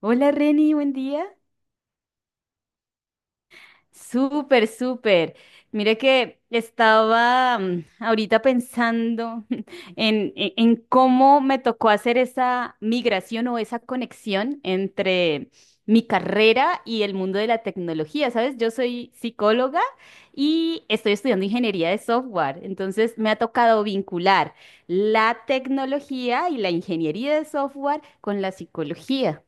Hola Reni, buen día. Súper, súper. Mire que estaba ahorita pensando en cómo me tocó hacer esa migración o esa conexión entre mi carrera y el mundo de la tecnología. ¿Sabes? Yo soy psicóloga y estoy estudiando ingeniería de software. Entonces me ha tocado vincular la tecnología y la ingeniería de software con la psicología.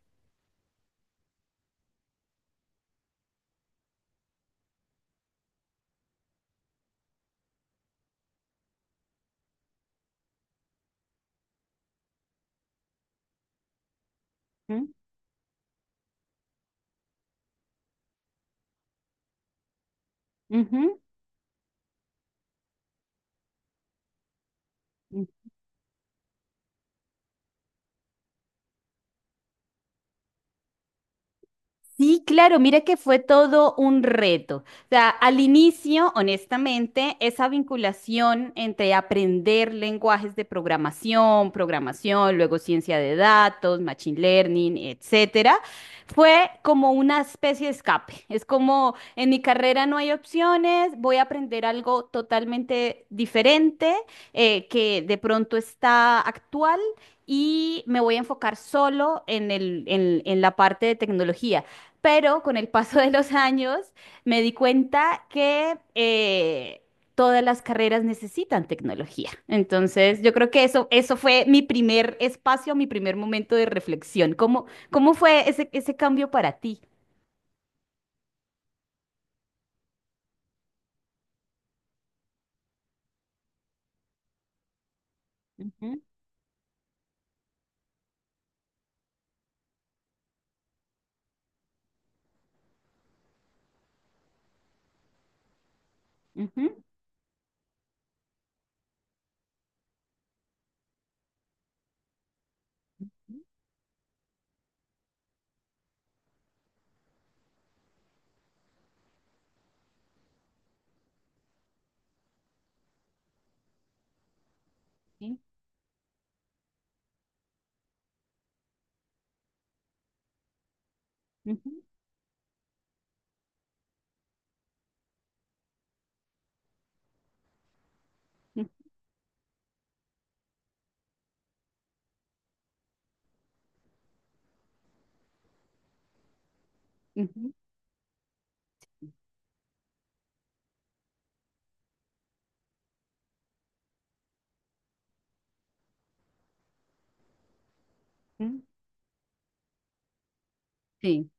¿Mm? Ujú. Sí, claro, mira que fue todo un reto. O sea, al inicio, honestamente, esa vinculación entre aprender lenguajes de programación, luego ciencia de datos, machine learning, etcétera, fue como una especie de escape. Es como en mi carrera no hay opciones, voy a aprender algo totalmente diferente, que de pronto está actual. Y me voy a enfocar solo en el- en la parte de tecnología. Pero con el paso de los años me di cuenta que todas las carreras necesitan tecnología. Entonces, yo creo que eso fue mi primer espacio, mi primer momento de reflexión. ¿Cómo fue ese cambio para ti? Ujú, ujú, ujú, sí, ujú, ujú, ujú, ujú. Sí.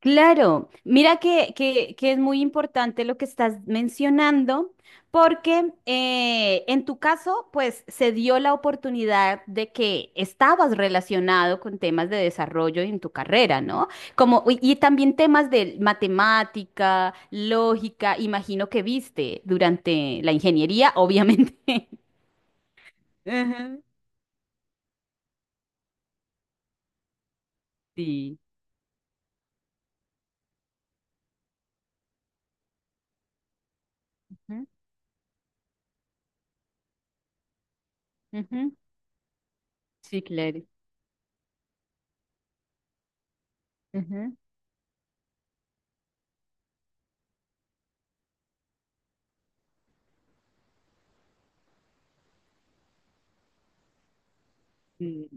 Claro, mira que es muy importante lo que estás mencionando, porque en tu caso, pues se dio la oportunidad de que estabas relacionado con temas de desarrollo en tu carrera, ¿no? Como, y también temas de matemática, lógica, imagino que viste durante la ingeniería, obviamente. Ujú. Sí. Ujú, ujú. Sí, claro. Ujú. Sí.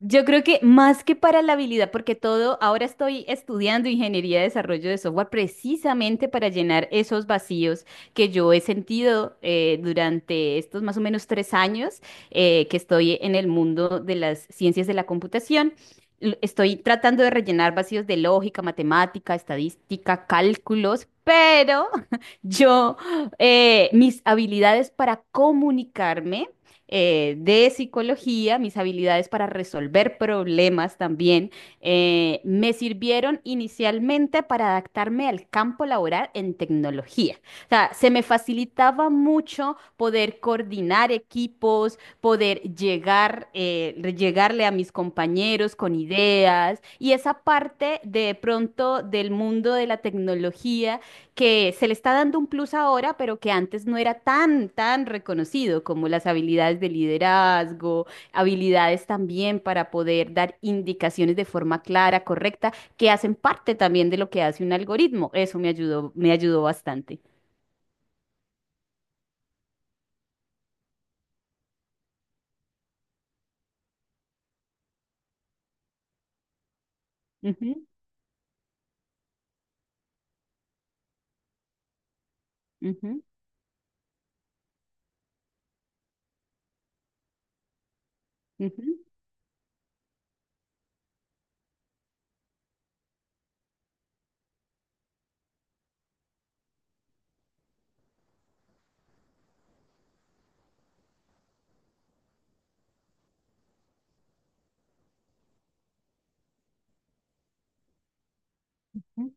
Yo creo que más que para la habilidad, porque todo, ahora estoy estudiando ingeniería de desarrollo de software precisamente para llenar esos vacíos que yo he sentido durante estos más o menos 3 años que estoy en el mundo de las ciencias de la computación. L- Estoy tratando de rellenar vacíos de lógica, matemática, estadística, cálculos, pero yo, mis habilidades para comunicarme de psicología, mis habilidades para resolver problemas también, me sirvieron inicialmente para adaptarme al campo laboral en tecnología. O sea, se me facilitaba mucho poder coordinar equipos, poder llegarle a mis compañeros con ideas y esa parte de pronto del mundo de la tecnología que se le está dando un plus ahora, pero que antes no era tan, tan reconocido como las habilidades de liderazgo, habilidades también para poder dar indicaciones de forma clara, correcta, que hacen parte también de lo que hace un algoritmo. Eso me ayudó bastante. Ujú, ujú, ujú, ujú,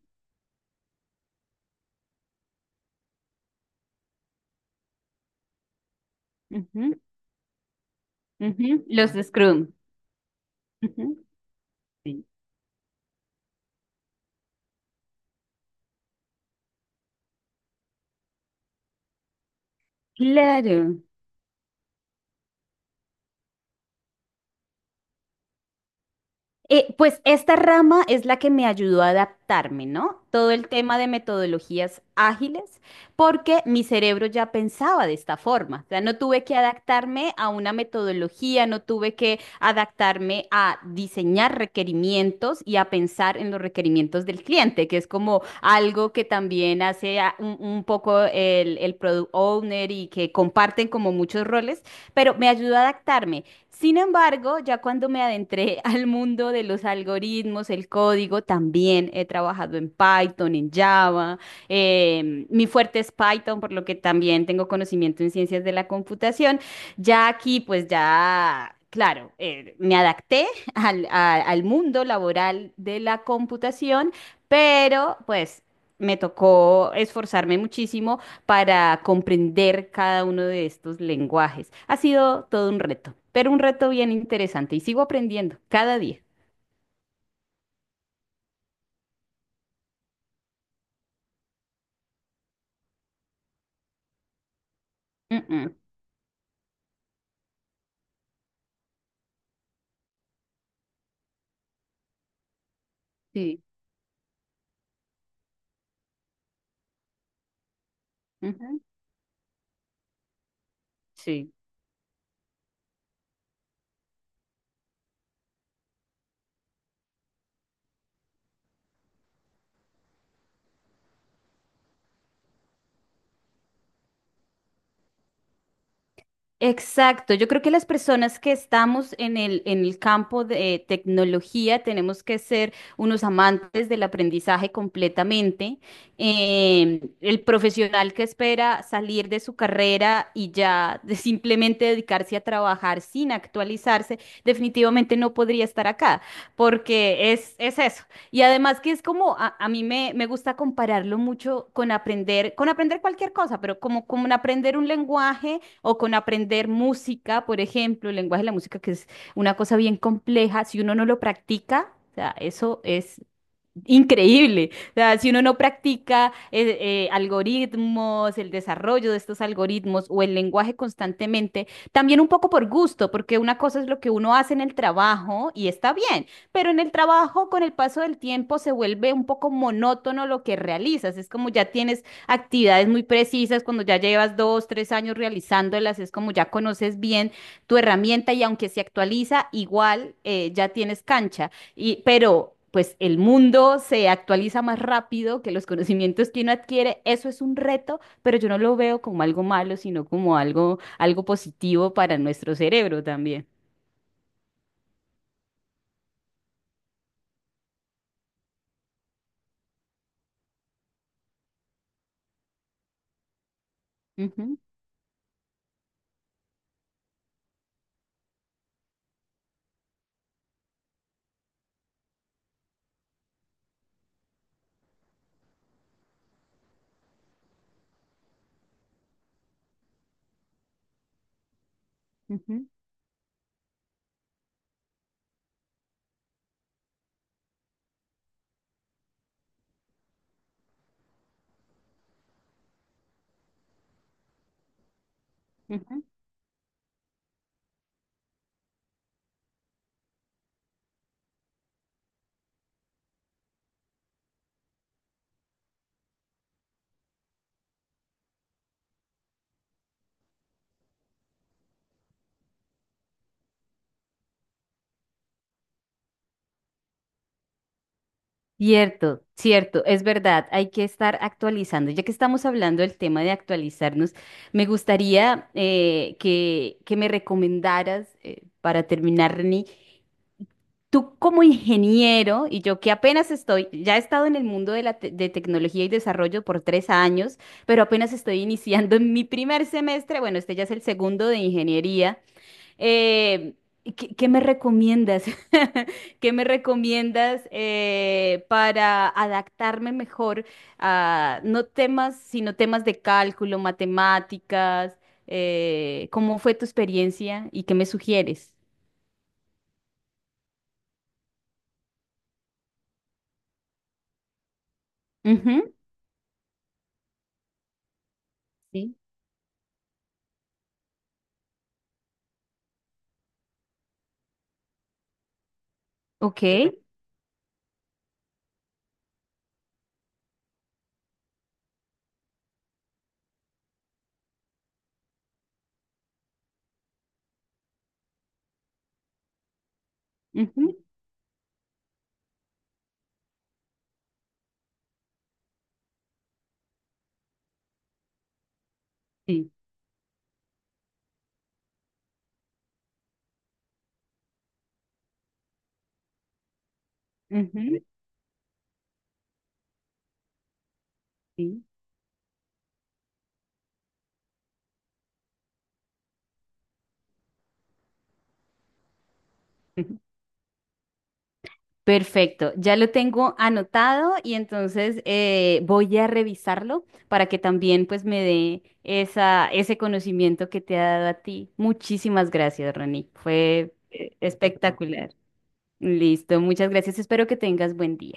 ujú, ujú. Los Scrum. Ujú, sí. Claro. Pues esta rama es la que me ayudó a adaptarme, ¿no? Todo el tema de metodologías ágiles, porque mi cerebro ya pensaba de esta forma. O sea, no tuve que adaptarme a una metodología, no tuve que adaptarme a diseñar requerimientos y a pensar en los requerimientos del cliente, que es como algo que también hace un poco el product owner y que comparten como muchos roles, pero me ayudó a adaptarme. Sin embargo, ya cuando me adentré al mundo de los algoritmos, el código, también he trabajado en Python, en Java. Mi fuerte es Python, por lo que también tengo conocimiento en ciencias de la computación. Ya aquí, pues ya, claro, me adapté al mundo laboral de la computación, pero pues me tocó esforzarme muchísimo para comprender cada uno de estos lenguajes. Ha sido todo un reto, pero un reto bien interesante y sigo aprendiendo cada día. Mm, mm. Sí. Ujú. Sí. Exacto, yo creo que las personas que estamos en el campo de tecnología tenemos que ser unos amantes del aprendizaje completamente. El profesional que espera salir de su carrera y ya de simplemente dedicarse a trabajar sin actualizarse, definitivamente no podría estar acá, porque es, eso. Y además que es como, a mí me gusta compararlo mucho con aprender cualquier cosa, pero como en aprender un lenguaje o con aprender música, por ejemplo, el lenguaje de la música, que es una cosa bien compleja, si uno no lo practica, o sea, eso es increíble. O sea, si uno no practica algoritmos, el desarrollo de estos algoritmos o el lenguaje constantemente, también un poco por gusto, porque una cosa es lo que uno hace en el trabajo y está bien, pero en el trabajo con el paso del tiempo se vuelve un poco monótono lo que realizas. Es como ya tienes actividades muy precisas, cuando ya llevas 2, 3 años realizándolas, es como ya conoces bien tu herramienta y aunque se actualiza, igual ya tienes cancha. Pero pues el mundo se actualiza más rápido que los conocimientos que uno adquiere. Eso es un reto, pero yo no lo veo como algo malo, sino como algo positivo para nuestro cerebro también. Ujú, ujú, ujú. Cierto, cierto, es verdad, hay que estar actualizando. Ya que estamos hablando del tema de actualizarnos, me gustaría que me recomendaras, para terminar, Reni. Tú como ingeniero y yo que apenas estoy, ya he estado en el mundo de de tecnología y desarrollo por 3 años, pero apenas estoy iniciando en mi primer semestre, bueno, este ya es el segundo de ingeniería. eh, qué me recomiendas? ¿Qué me recomiendas para adaptarme mejor a no temas, sino temas de cálculo, matemáticas? ¿Cómo fue tu experiencia y qué me sugieres? Ujú, sí. Ok. Ujú, sí, ujú, sí. Ujú. Perfecto, ya lo tengo anotado y entonces voy a revisarlo para que también pues me dé ese conocimiento que te ha dado a ti. Muchísimas gracias, Ronnie. Fue espectacular. Listo, muchas gracias. Espero que tengas buen día.